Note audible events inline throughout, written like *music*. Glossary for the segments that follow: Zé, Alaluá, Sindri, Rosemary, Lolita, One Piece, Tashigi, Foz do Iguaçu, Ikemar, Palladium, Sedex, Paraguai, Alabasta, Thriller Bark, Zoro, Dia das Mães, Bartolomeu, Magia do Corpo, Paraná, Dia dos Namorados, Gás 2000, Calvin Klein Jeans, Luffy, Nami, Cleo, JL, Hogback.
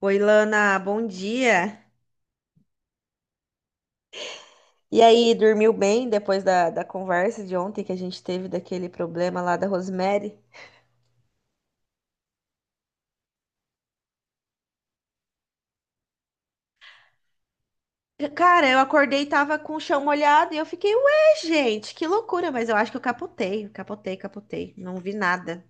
Oi, Lana, bom dia. E aí, dormiu bem depois da conversa de ontem que a gente teve daquele problema lá da Rosemary? Cara, eu acordei e tava com o chão molhado e eu fiquei, ué, gente, que loucura, mas eu acho que eu capotei, capotei, capotei, não vi nada.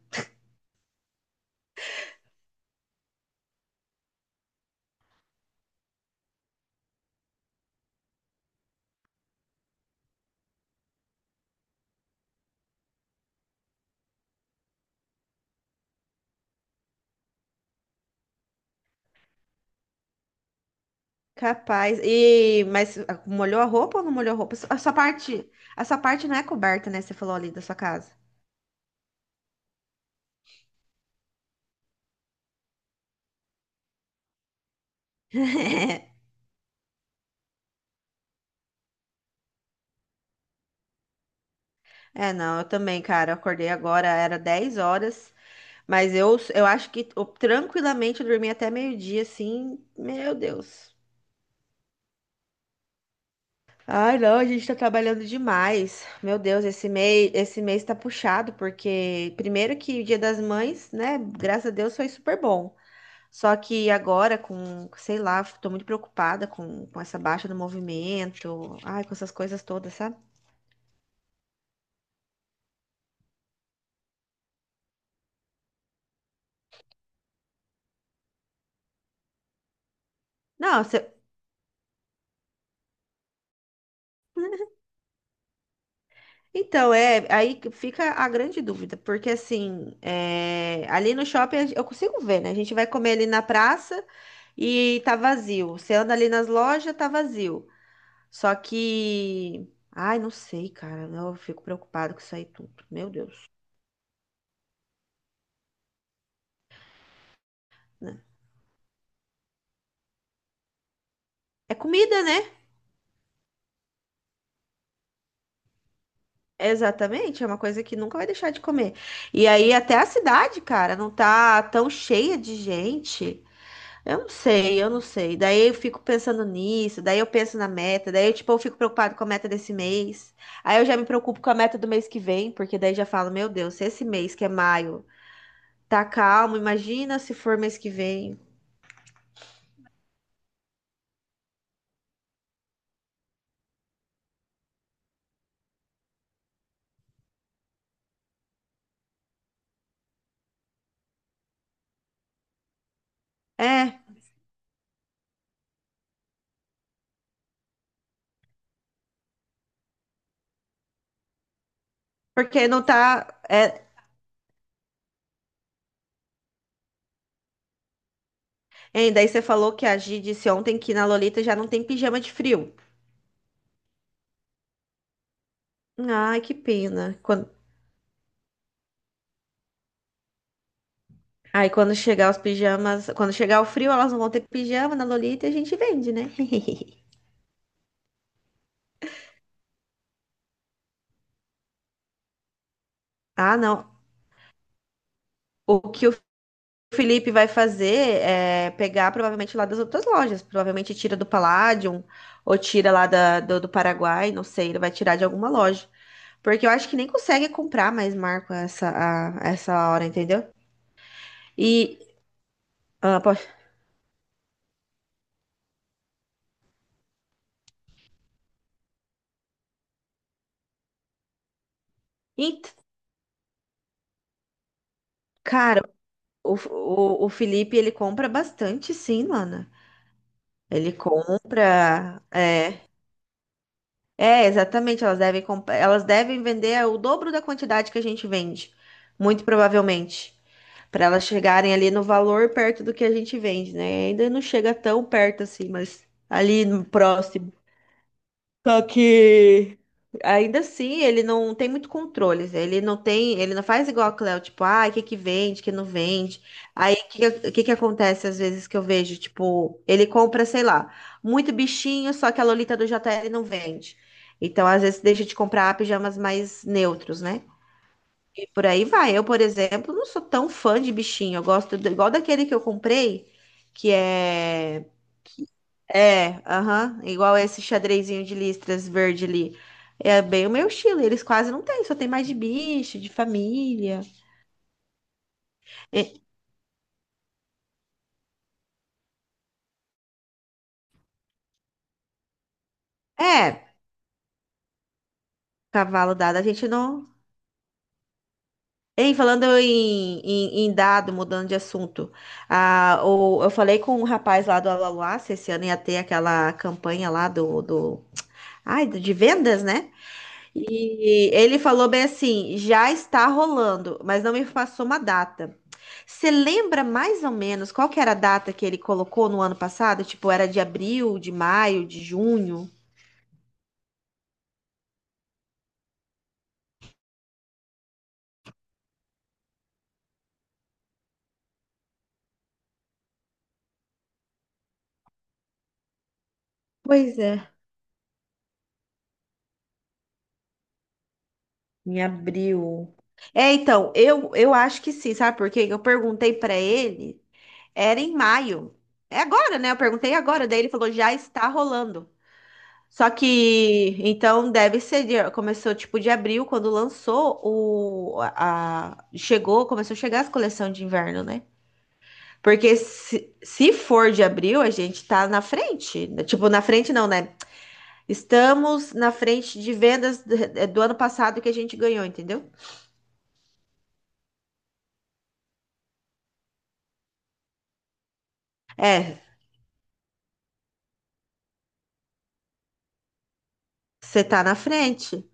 Capaz. E mas ah, molhou a roupa ou não molhou a roupa? A sua parte não é coberta, né? Você falou ali da sua casa. *laughs* É, não, eu também, cara, eu acordei agora, era 10 horas. Mas eu acho que eu, tranquilamente eu dormi até meio-dia, assim. Meu Deus. Ai, não, a gente tá trabalhando demais. Meu Deus, esse mês tá puxado, porque primeiro que o Dia das Mães, né? Graças a Deus foi super bom. Só que agora, com, sei lá, tô muito preocupada com essa baixa do movimento, ai, com essas coisas todas, sabe? Não, você. Então, é, aí que fica a grande dúvida, porque assim, é, ali no shopping eu consigo ver, né? A gente vai comer ali na praça e tá vazio. Você anda ali nas lojas, tá vazio. Só que, ai, não sei, cara, eu fico preocupado com isso aí tudo. Meu Deus, né? É comida, né? Exatamente, é uma coisa que nunca vai deixar de comer. E aí até a cidade, cara, não tá tão cheia de gente. Eu não sei, eu não sei. Daí eu fico pensando nisso, daí eu penso na meta, daí eu, tipo, eu fico preocupado com a meta desse mês. Aí eu já me preocupo com a meta do mês que vem, porque daí já falo, meu Deus, se esse mês que é maio tá calmo, imagina se for mês que vem. É, porque não tá. Hein, daí você falou que a Gi disse ontem que na Lolita já não tem pijama de frio. Ai, que pena. Quando... Aí quando chegar os pijamas, quando chegar o frio, elas não vão ter pijama na Lolita e a gente vende, né? *laughs* Ah, não. O que o O Felipe vai fazer é pegar provavelmente lá das outras lojas. Provavelmente tira do Palladium ou tira lá do Paraguai, não sei. Ele vai tirar de alguma loja. Porque eu acho que nem consegue comprar mais Marco essa, essa hora, entendeu? E, ah, pô, ent- cara, o Felipe ele compra bastante, sim, Lana. Ele compra. É, é exatamente. Elas devem, elas devem vender o dobro da quantidade que a gente vende, muito provavelmente. Para elas chegarem ali no valor perto do que a gente vende, né? Ainda não chega tão perto assim, mas ali no próximo. Só que ainda assim ele não tem muito controle, Zé. Ele não tem, ele não faz igual a Cleo, tipo, ah, o que que vende, o que não vende. Aí o que que acontece às vezes que eu vejo, tipo, ele compra, sei lá, muito bichinho, só que a Lolita do JL não vende. Então, às vezes, deixa de comprar pijamas mais neutros, né? E por aí vai. Eu, por exemplo, não sou tão fã de bichinho. Eu gosto igual daquele que eu comprei, que é. É, aham, igual esse xadrezinho de listras verde ali. É bem o meu estilo. Eles quase não têm, só tem mais de bicho, de família. E- É, cavalo dado, a gente não. Ei, falando em dado, mudando de assunto, ah, o, eu falei com um rapaz lá do Alaluá, se esse ano ia ter aquela campanha lá de vendas, né? E ele falou bem assim, já está rolando, mas não me passou uma data. Você lembra mais ou menos qual que era a data que ele colocou no ano passado? Tipo, era de abril, de maio, de junho? Pois é. Em abril. É, então, eu acho que sim, sabe por quê? Eu perguntei pra ele, era em maio. É agora, né? Eu perguntei agora, daí ele falou, já está rolando. Só que, então, deve ser, começou tipo de abril, quando lançou o, a, chegou, começou a chegar as coleções de inverno, né? Porque se for de abril, a gente tá na frente, né? Tipo, na frente não, né? Estamos na frente de vendas do, do ano passado que a gente ganhou, entendeu? É, você tá na frente.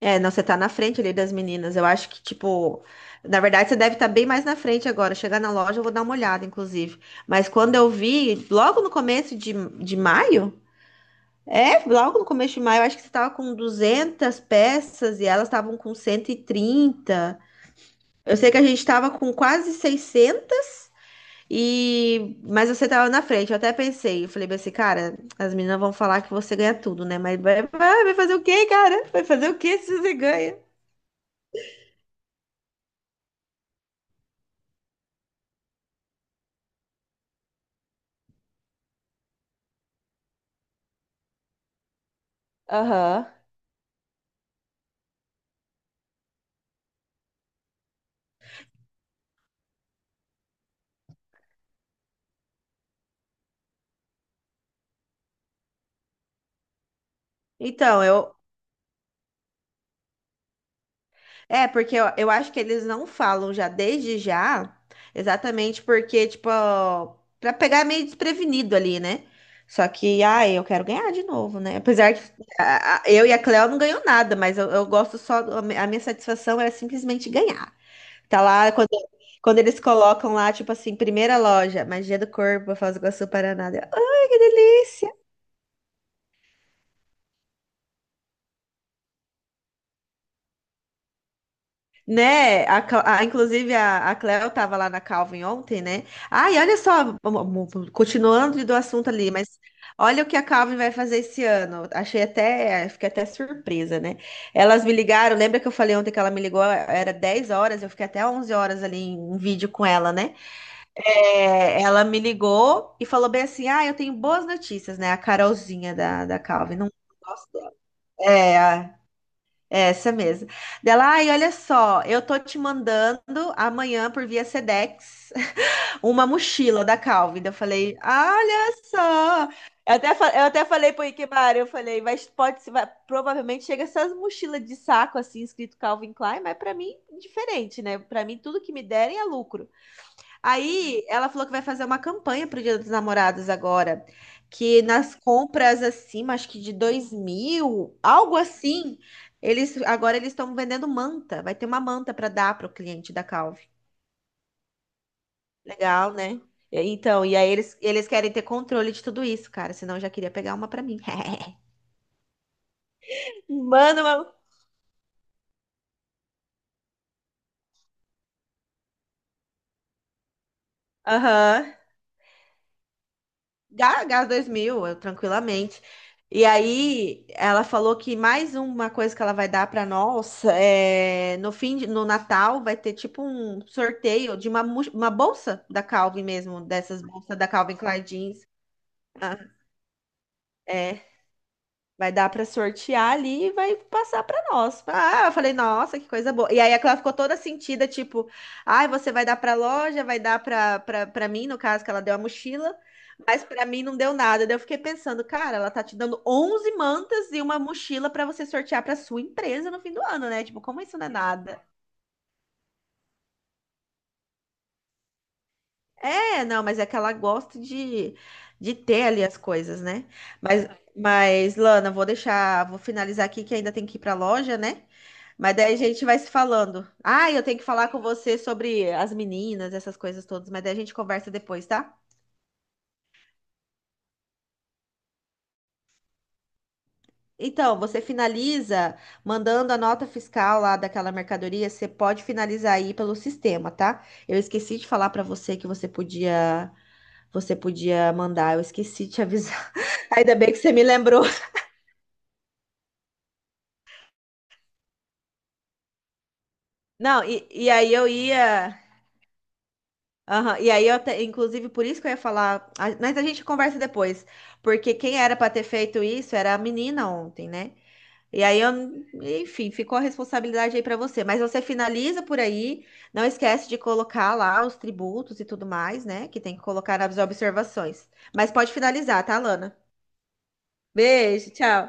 É, não, você tá na frente ali das meninas. Eu acho que, tipo, na verdade você deve estar bem mais na frente agora. Chegar na loja, eu vou dar uma olhada, inclusive. Mas quando eu vi, logo no começo de, de maio, logo no começo de maio, eu acho que você tava com 200 peças e elas estavam com 130. Eu sei que a gente tava com quase 600 e mas você tava na frente. Eu até pensei, eu falei bem assim, cara, as meninas vão falar que você ganha tudo, né? Mas vai, vai fazer o quê, cara? Vai fazer o quê se você ganha? Aham. Então, eu. É, porque eu, acho que eles não falam já desde já, exatamente porque, tipo, ó, pra pegar meio desprevenido ali, né? Só que, ai, eu quero ganhar de novo, né? Apesar que eu e a Cleo não ganhou nada, mas eu gosto só. A minha satisfação é simplesmente ganhar. Tá lá, quando, quando eles colocam lá, tipo assim, primeira loja, Magia do Corpo, Foz do Iguaçu, Paraná. Eu, ai, que delícia! Né? Inclusive, a Cleo estava lá na Calvin ontem, né? Ai, olha só, continuando do assunto ali, mas olha o que a Calvin vai fazer esse ano. Achei até, fiquei até surpresa, né? Elas me ligaram, lembra que eu falei ontem que ela me ligou, era 10 horas, eu fiquei até 11 horas ali em um vídeo com ela, né? É, ela me ligou e falou bem assim: ah, eu tenho boas notícias, né? A Carolzinha da Calvin, não gosto dela. É, essa mesmo. Dela, ai, olha só, eu tô te mandando amanhã por via Sedex *laughs* uma mochila da Calvin. Daí eu falei, olha só. Eu até falei pro Ikemar, eu falei, mas pode, vai, provavelmente chega essas mochilas de saco assim, escrito Calvin Klein, mas pra mim, diferente, né? Pra mim, tudo que me derem é lucro. Aí ela falou que vai fazer uma campanha pro Dia dos Namorados agora. Que nas compras acima, acho que de 2.000, algo assim, eles agora eles estão vendendo manta. Vai ter uma manta para dar pro cliente da Calvi. Legal, né? Então, e aí eles querem ter controle de tudo isso, cara. Senão eu já queria pegar uma para mim. *laughs* Manda uma. Aham. Gás 2000, eu, tranquilamente. E aí, ela falou que mais uma coisa que ela vai dar para nós é no fim de, no Natal vai ter tipo um sorteio de uma, uma bolsa da Calvin mesmo, dessas bolsas da Calvin Klein Jeans. Ah, é. Vai dar para sortear ali e vai passar para nós. Ah, eu falei, nossa, que coisa boa. E aí ela ficou toda sentida, tipo, ai, você vai dar para loja, vai dar para mim, no caso que ela deu a mochila, mas para mim não deu nada. Daí eu fiquei pensando, cara, ela tá te dando 11 mantas e uma mochila para você sortear para sua empresa no fim do ano, né? Tipo, como isso não é nada? É, não, mas é que ela gosta de ter ali as coisas, né? Mas, mas, Lana, vou deixar, vou finalizar aqui que ainda tem que ir para a loja, né? Mas daí a gente vai se falando. Ah, eu tenho que falar com você sobre as meninas, essas coisas todas, mas daí a gente conversa depois, tá? Então, você finaliza mandando a nota fiscal lá daquela mercadoria, você pode finalizar aí pelo sistema, tá? Eu esqueci de falar para você que você podia mandar, eu esqueci de te avisar. *laughs* Ainda bem que você me lembrou. Não, e aí eu ia. Aham, e aí eu, inclusive, por isso que eu ia falar. Mas a gente conversa depois. Porque quem era pra ter feito isso era a menina ontem, né? E aí eu, enfim, ficou a responsabilidade aí pra você. Mas você finaliza por aí, não esquece de colocar lá os tributos e tudo mais, né? Que tem que colocar nas observações. Mas pode finalizar, tá, Lana? Beijo, tchau.